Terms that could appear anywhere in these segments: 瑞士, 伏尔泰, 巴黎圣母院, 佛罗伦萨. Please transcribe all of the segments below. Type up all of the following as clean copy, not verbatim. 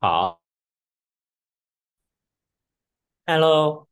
好，Hello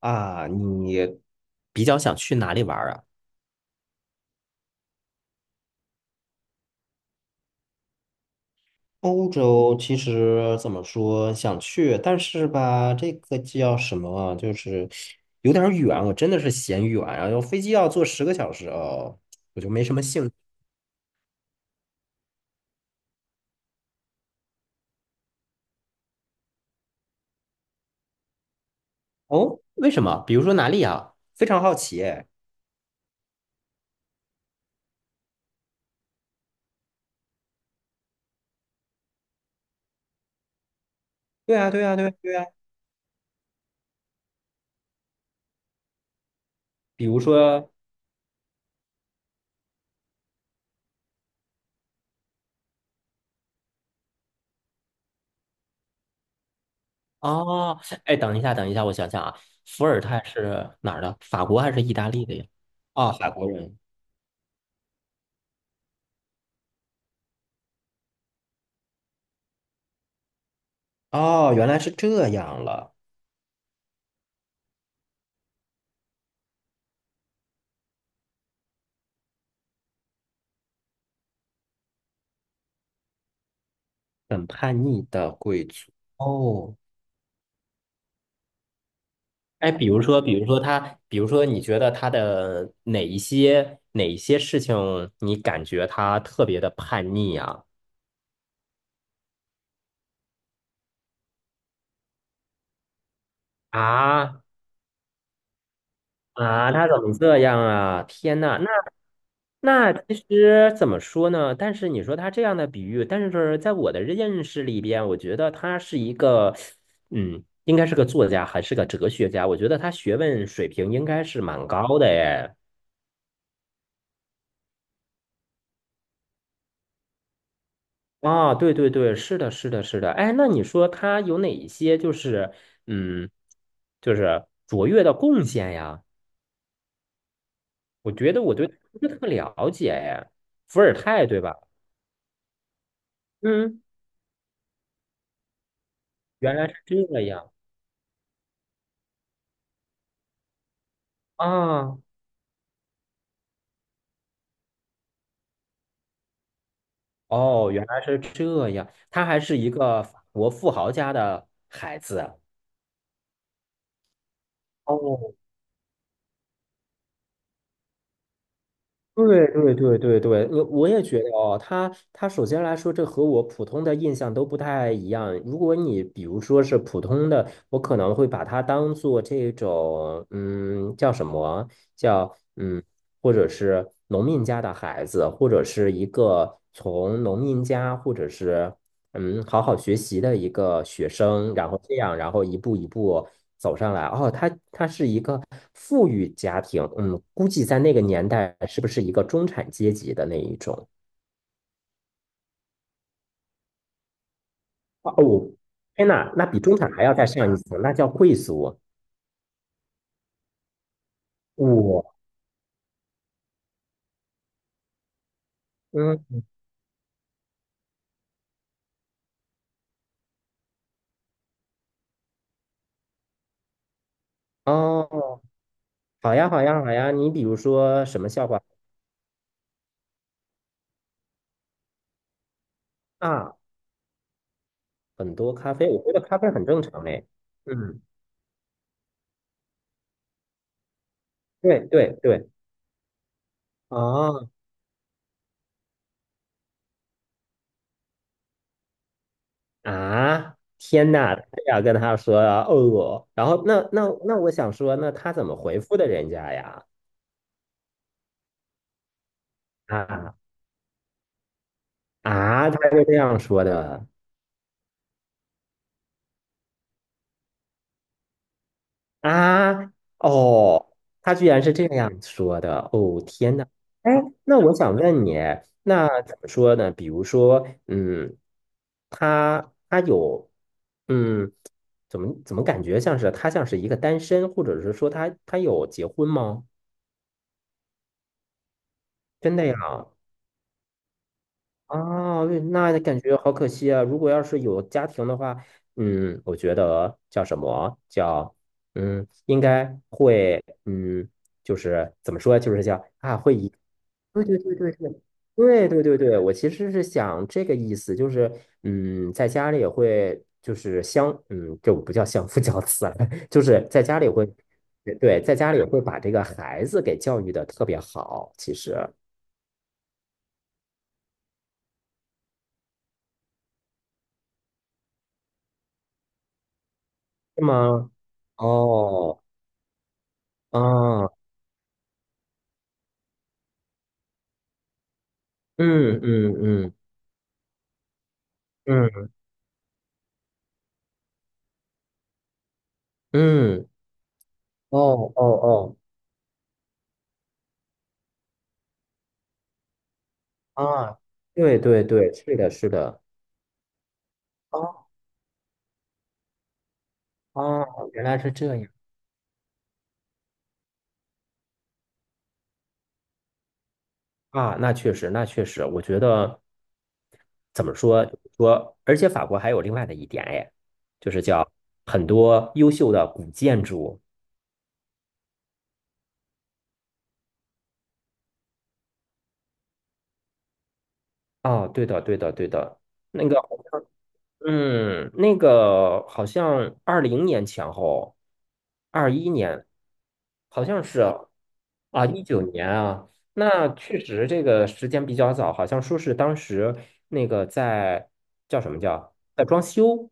啊，你比较想去哪里玩儿啊？欧洲其实怎么说想去，但是吧，这个叫什么啊？就是有点儿远，我真的是嫌远啊，然后飞机要坐10个小时哦，我就没什么兴趣。哦，为什么？比如说哪里啊？非常好奇哎，对啊，对啊，对啊，对啊。比如说，哦，哎，等一下，等一下，我想想啊，伏尔泰是哪儿的？法国还是意大利的呀？啊，法国人。哦，原来是这样了，很叛逆的贵族。哦，哎，比如说，比如说他，比如说，你觉得他的哪一些事情，你感觉他特别的叛逆啊？啊，啊，他怎么这样啊？天呐，那其实怎么说呢？但是你说他这样的比喻，但是在我的认识里边，我觉得他是一个，应该是个作家，还是个哲学家。我觉得他学问水平应该是蛮高的耶。啊，对对对，是的，是的，是的。哎，那你说他有哪一些嗯，就是卓越的贡献呀？我觉得我对他不是特了解哎，伏尔泰对吧？嗯。原来是这样啊！哦，原来是这样，他还是一个法国富豪家的孩子。哦，对对对对对，我也觉得哦，他首先来说，这和我普通的印象都不太一样。如果你比如说是普通的，我可能会把它当做这种，叫什么？叫或者是农民家的孩子，或者是一个从农民家，或者是好好学习的一个学生，然后这样，然后一步一步走上来。哦，他是一个富裕家庭，估计在那个年代是不是一个中产阶级的那一种？哦，天呐，那比中产还要再上一层，那叫贵族。我、嗯，哦，好呀，好呀，好呀。你比如说什么笑话啊？很多咖啡，我觉得咖啡很正常嘞。嗯，对对对，啊，啊，天呐，他这样跟他说啊，哦，然后那我想说，那他怎么回复的人家呀？啊啊，他是这样说的啊，哦，他居然是这样说的，哦，天呐，哎，那我想问你，那怎么说呢？比如说，他有，嗯，怎么感觉他像是一个单身，或者是说他有结婚吗？真的呀？啊，对，那感觉好可惜啊！如果要是有家庭的话，我觉得叫什么叫应该会就是怎么说，就是叫啊，会以对对对对对对对对对，我其实是想这个意思，就是在家里也会就是相这不叫相夫教子了，就是在家里会对，在家里会把这个孩子给教育的特别好，其实是吗？哦，啊，嗯嗯嗯嗯嗯，哦哦哦，啊，对对对，是的，是的，哦哦，原来是这样啊，那确实，那确实，我觉得怎么说说，而且法国还有另外的一点，哎，就是叫很多优秀的古建筑。哦，对的，对的，对的，那个。嗯，那个好像20年前后，21年好像是啊，啊19年啊，那确实这个时间比较早，好像说是当时那个在叫什么叫在装修，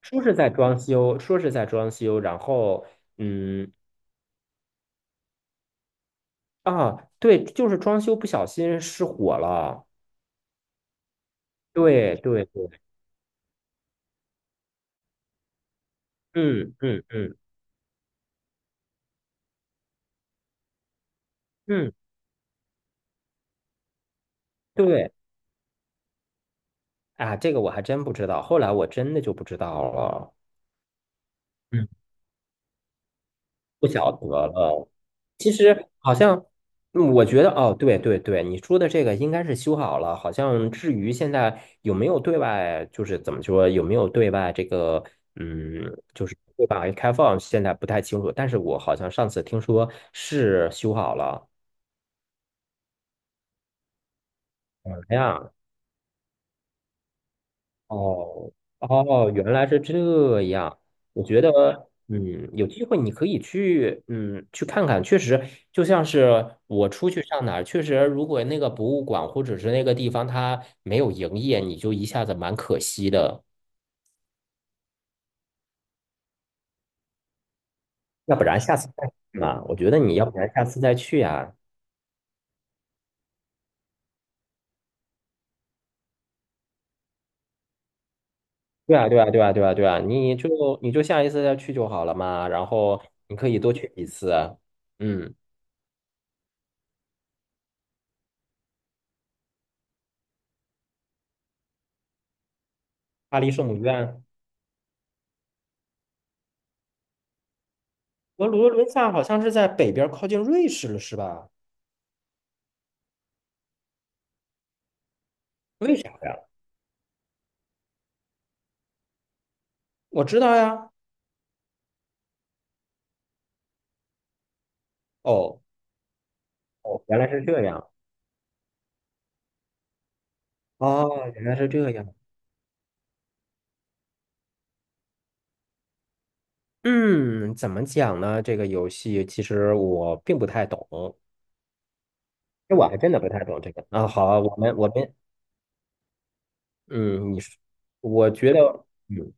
说是在装修，然后嗯啊，对，就是装修不小心失火了，对对对，嗯嗯嗯嗯，对。啊，这个我还真不知道，后来我真的就不知道了，嗯，不晓得了。其实好像，我觉得哦，对对对，你说的这个应该是修好了。好像至于现在有没有对外，就是怎么说，有没有对外这个，嗯，就是对外开放，现在不太清楚。但是我好像上次听说是修好了。哎呀，哦哦，原来是这样。我觉得，有机会你可以去，去看看。确实，就像是我出去上哪儿，确实，如果那个博物馆或者是那个地方它没有营业，你就一下子蛮可惜的。要不然下次再去嘛，我觉得你要不然下次再去呀。对啊，对啊，对啊，对啊，对啊，你就下一次再去就好了嘛。然后你可以多去几次。嗯，巴黎圣母院。佛罗伦萨好像是在北边靠近瑞士了，是吧？为啥呀？我知道呀。哦哦，原来是这样。哦，原来是这样。嗯，怎么讲呢？这个游戏其实我并不太懂，这我还真的不太懂这个。啊，好啊我们，嗯，你说，我觉得，嗯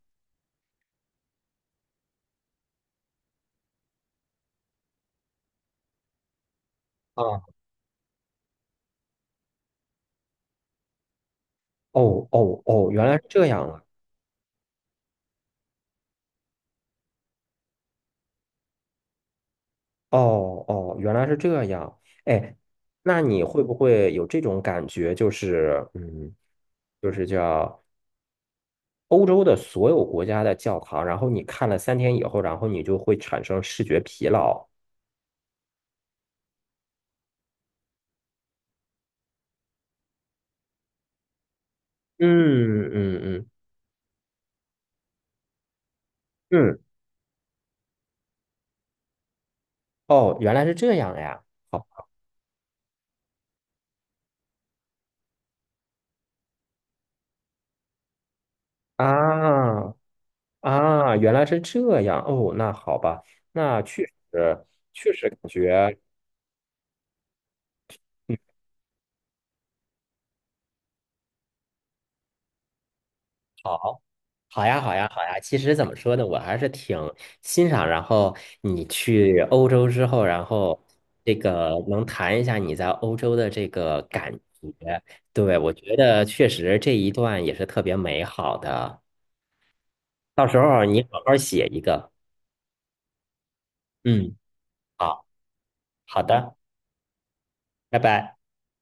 啊，哦哦哦，原来是这样啊。哦哦，原来是这样。哎，那你会不会有这种感觉？就是，就是叫。欧洲的所有国家的教堂，然后你看了3天以后，然后你就会产生视觉疲劳。嗯嗯嗯嗯，哦，原来是这样呀。好啊啊，原来是这样。哦，那好吧，那确实确实感觉。嗯好。好呀，好呀，好呀。其实怎么说呢，我还是挺欣赏。然后你去欧洲之后，然后这个能谈一下你在欧洲的这个感觉。对，我觉得确实这一段也是特别美好的。到时候你好好写一个。嗯，好，好的，拜拜。